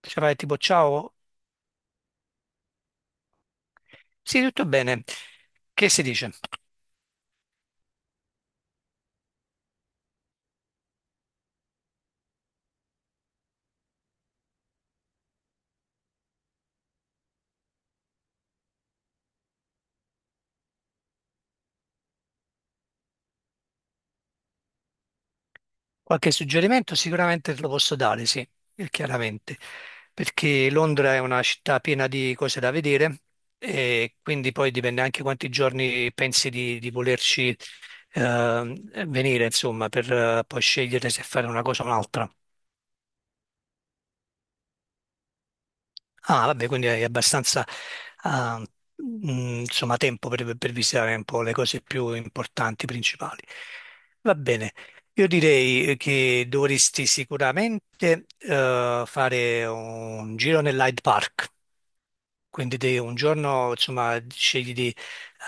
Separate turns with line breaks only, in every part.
Cioè vai tipo ciao, sì, tutto bene, che si dice? Qualche suggerimento sicuramente te lo posso dare, sì, chiaramente, perché Londra è una città piena di cose da vedere e quindi poi dipende anche quanti giorni pensi di volerci eh, venire, insomma, per poi scegliere se fare una cosa o un'altra. Ah, vabbè, quindi hai abbastanza, ah, insomma, tempo per visitare un po' le cose più importanti, principali. Va bene, io direi che dovresti sicuramente, fare un giro nell'Hyde Park. Quindi te un giorno, insomma, scegli di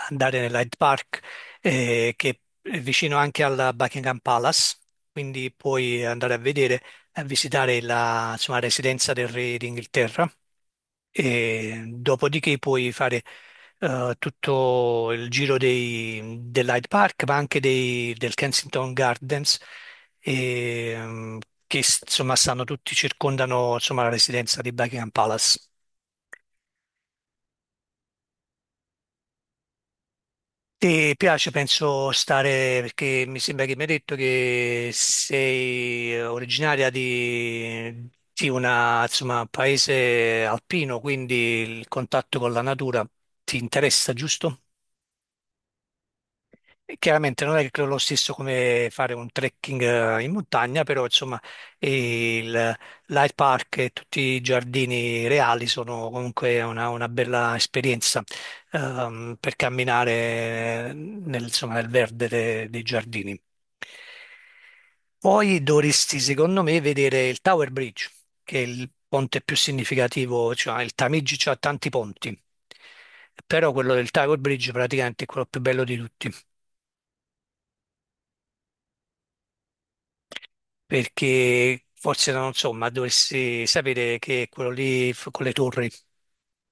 andare nell'Hyde Park, che è vicino anche alla Buckingham Palace, quindi puoi andare a vedere, a visitare la, insomma, residenza del re d'Inghilterra e dopodiché puoi fare tutto il giro dell'Hyde Park, ma anche del Kensington Gardens, e, che insomma stanno tutti, circondano insomma, la residenza di Buckingham Palace. Ti piace, penso, stare, perché mi sembra che mi hai detto che sei originaria di una, insomma, paese alpino, quindi il contatto con la natura ti interessa, giusto? E chiaramente non è che lo stesso come fare un trekking in montagna, però insomma il Light Park e tutti i giardini reali sono comunque una bella esperienza per camminare nel, insomma, nel verde dei giardini. Poi dovresti, secondo me, vedere il Tower Bridge, che è il ponte più significativo, cioè il Tamigi ha tanti ponti, però quello del Tower Bridge praticamente è quello più bello di tutti. Perché forse non insomma dovresti sapere che quello lì con le torri,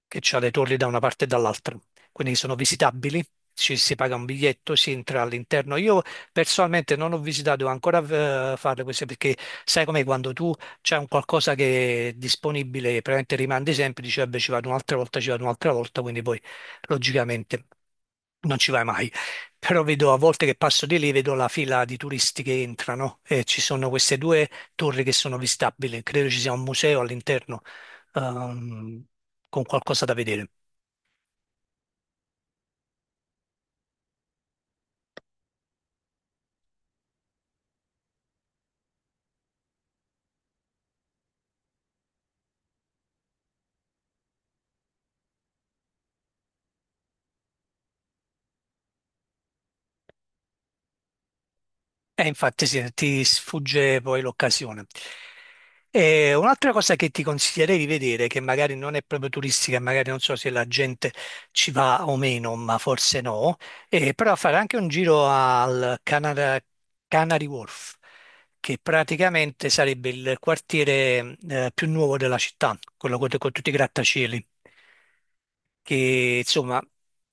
che c'ha le torri da una parte e dall'altra, quindi sono visitabili, ci si paga un biglietto, si entra all'interno. Io personalmente non ho visitato ancora farle queste perché sai com'è quando tu c'è un qualcosa che è disponibile, praticamente rimandi sempre, dici vabbè ci vado un'altra volta, ci vado un'altra volta, quindi poi logicamente non ci vai mai. Però vedo a volte che passo di lì, vedo la fila di turisti che entrano e ci sono queste due torri che sono visitabili. Credo ci sia un museo all'interno, ehm, con qualcosa da vedere. E infatti sì, ti sfugge poi l'occasione. E un'altra cosa che ti consiglierei di vedere, che magari non è proprio turistica, magari non so se la gente ci va o meno, ma forse no, però fare anche un giro al Canary Wharf, che praticamente sarebbe il quartiere più nuovo della città, quello con, tutti i grattacieli che insomma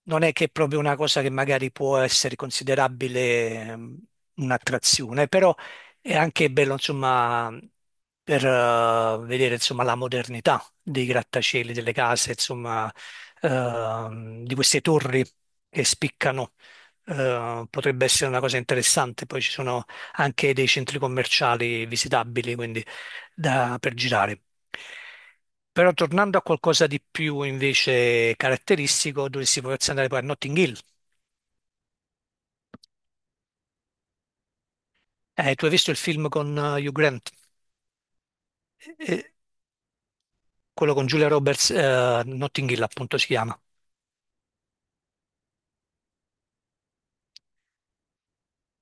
non è che è proprio una cosa che magari può essere considerabile un'attrazione, però è anche bello insomma per vedere insomma la modernità dei grattacieli, delle case, insomma di queste torri che spiccano. Potrebbe essere una cosa interessante, poi ci sono anche dei centri commerciali visitabili, quindi per girare. Però tornando a qualcosa di più invece caratteristico, dovresti potersi andare poi a Notting Hill. Tu hai visto il film con Hugh Grant. Eh, eh, quello con Julia Roberts, Notting Hill appunto si chiama.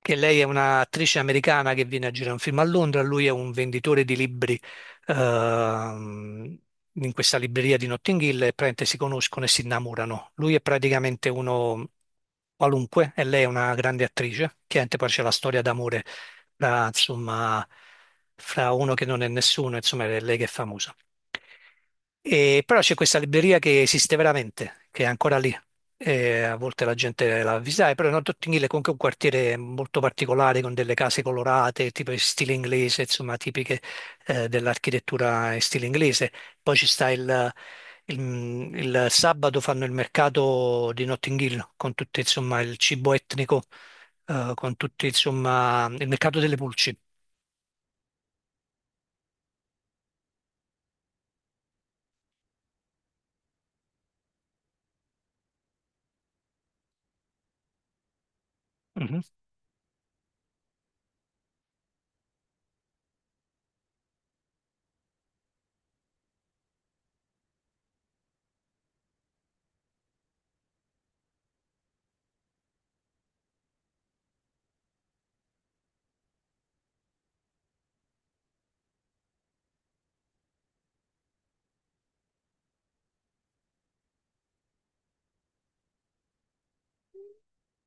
Che lei è un'attrice americana che viene a girare un film a Londra, lui è un venditore di libri ehm, in questa libreria di Notting Hill e praticamente si conoscono e si innamorano. Lui è praticamente uno qualunque e lei è una grande attrice. Chiaramente poi c'è la storia d'amore fra, insomma, fra uno che non è nessuno, insomma, è lei che è famosa. E però c'è questa libreria che esiste veramente, che è ancora lì, e a volte la gente la visitava, però Northampton Hill è comunque un quartiere molto particolare con delle case colorate, tipo in stile inglese, insomma, tipiche dell'architettura in stile inglese. Poi ci sta il, il- il sabato fanno il mercato di Notting Hill con tutto insomma il cibo etnico, con tutti insomma il mercato delle pulci. Mhm.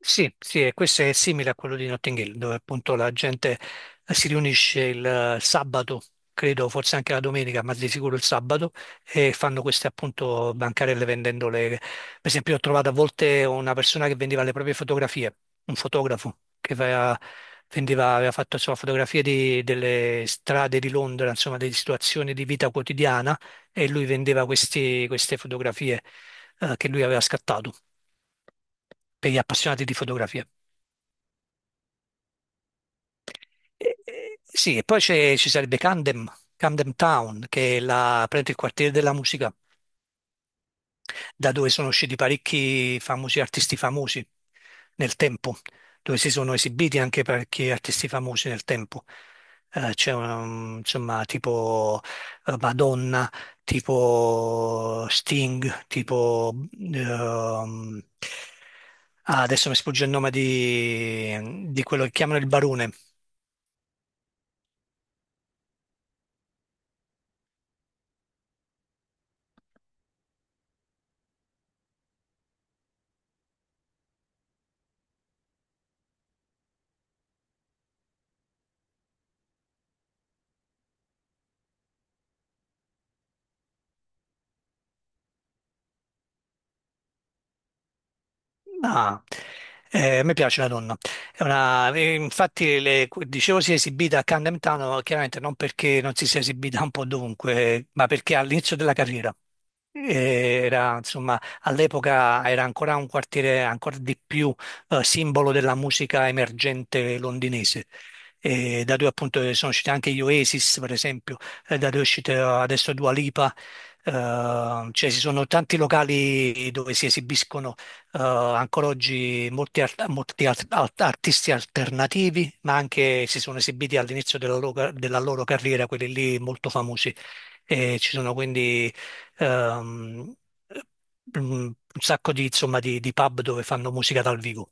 Sì, sì, e questo è simile a quello di Notting Hill, dove appunto la gente si riunisce il sabato, credo forse anche la domenica, ma di sicuro il sabato, e fanno queste appunto bancarelle vendendole. Per esempio, ho trovato a volte una persona che vendeva le proprie fotografie, un fotografo che aveva, vendeva, aveva fatto insomma, fotografie delle strade di Londra, insomma, delle situazioni di vita quotidiana e lui vendeva queste fotografie che lui aveva scattato per gli appassionati di fotografia. Sì, e poi ci sarebbe Camden, Camden Town, che è la, praticamente il quartiere della musica. Da dove sono usciti parecchi famosi artisti famosi nel tempo, dove si sono esibiti anche parecchi artisti famosi nel tempo. C'è insomma tipo Madonna, tipo Sting, tipo ehm, adesso mi sfugge il nome di quello che chiamano il barone. Ah, a me piace la donna. È infatti, dicevo si è esibita a Camden Town, chiaramente non perché non si sia esibita un po' dovunque, ma perché all'inizio della carriera. Era, insomma, all'epoca era ancora un quartiere ancora di più simbolo della musica emergente londinese. E da dove appunto sono usciti anche gli Oasis, per esempio, da dove è uscita adesso Dua Lipa. Eh, cioè ci sono tanti locali dove si esibiscono ancora oggi molti, artisti alternativi, ma anche si sono esibiti all'inizio della loro, carriera, quelli lì molto famosi. E ci sono quindi ehm, un sacco di, insomma, di pub dove fanno musica dal vivo.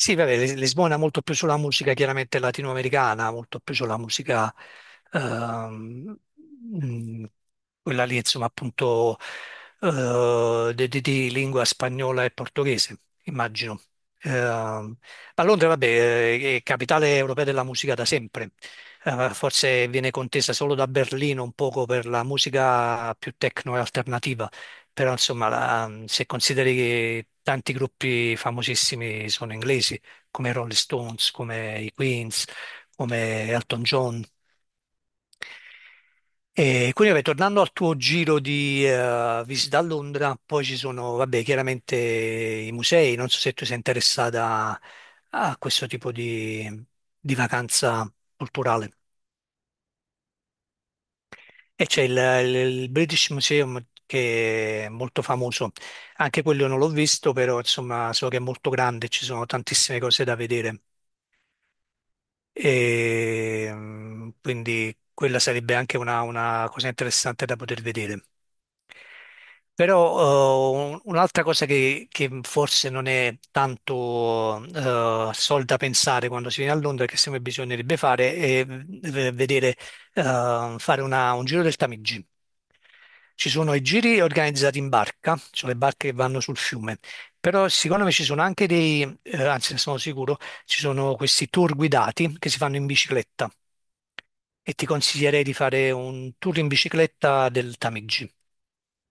Sì, vabbè, Lisbona è molto più sulla musica chiaramente latinoamericana, molto più sulla musica ehm, mm, quella lì, insomma, appunto di, di lingua spagnola e portoghese, immagino. Ehm, ma Londra, vabbè, è capitale europea della musica da sempre. Forse viene contesa solo da Berlino un poco per la musica più techno e alternativa però insomma se consideri che tanti gruppi famosissimi sono inglesi, come i Rolling Stones, come i Queens, come Elton John. E quindi vabbè, tornando al tuo giro di visita a Londra, poi ci sono, vabbè, chiaramente i musei, non so se tu sei interessata a questo tipo di vacanza culturale. E c'è il, il British Museum che è molto famoso, anche quello non l'ho visto, però insomma so che è molto grande, ci sono tantissime cose da vedere. E, quindi quella sarebbe anche una cosa interessante da poter vedere. Però un'altra cosa che forse non è tanto sol da pensare quando si viene a Londra, che secondo me bisognerebbe fare, è vedere, fare un giro del Tamigi. Ci sono i giri organizzati in barca, ci sono le barche che vanno sul fiume, però secondo me ci sono anche anzi ne sono sicuro, ci sono questi tour guidati che si fanno in bicicletta e ti consiglierei di fare un tour in bicicletta del Tamigi,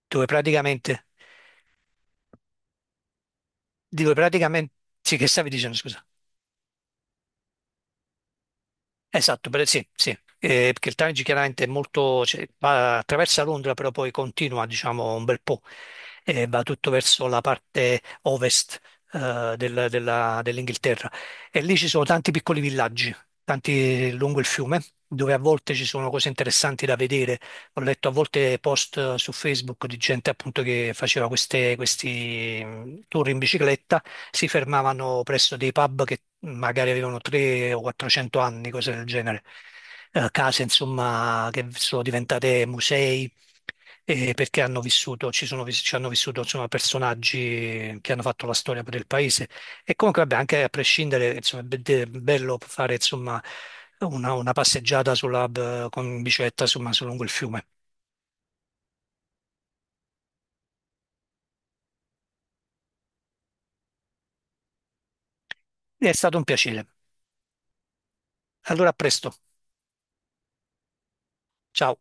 dove praticamente, dove praticamente, sì, che stavi dicendo, scusa. Esatto, sì, sì. Perché il Tamigi chiaramente è molto, cioè, attraversa Londra, però poi continua, diciamo, un bel po', e va tutto verso la parte ovest, dell'Inghilterra. E lì ci sono tanti piccoli villaggi, tanti lungo il fiume, dove a volte ci sono cose interessanti da vedere. Ho letto a volte post su Facebook di gente appunto che faceva questi tour in bicicletta, si fermavano presso dei pub che magari avevano 300 o 400 anni, cose del genere. Case insomma che sono diventate musei perché hanno vissuto, ci sono, ci hanno vissuto insomma, personaggi che hanno fatto la storia per il paese. E comunque, vabbè, anche a prescindere, insomma, è bello fare insomma, una passeggiata con bicicletta insomma, su lungo il fiume. È stato un piacere. Allora, a presto. Ciao.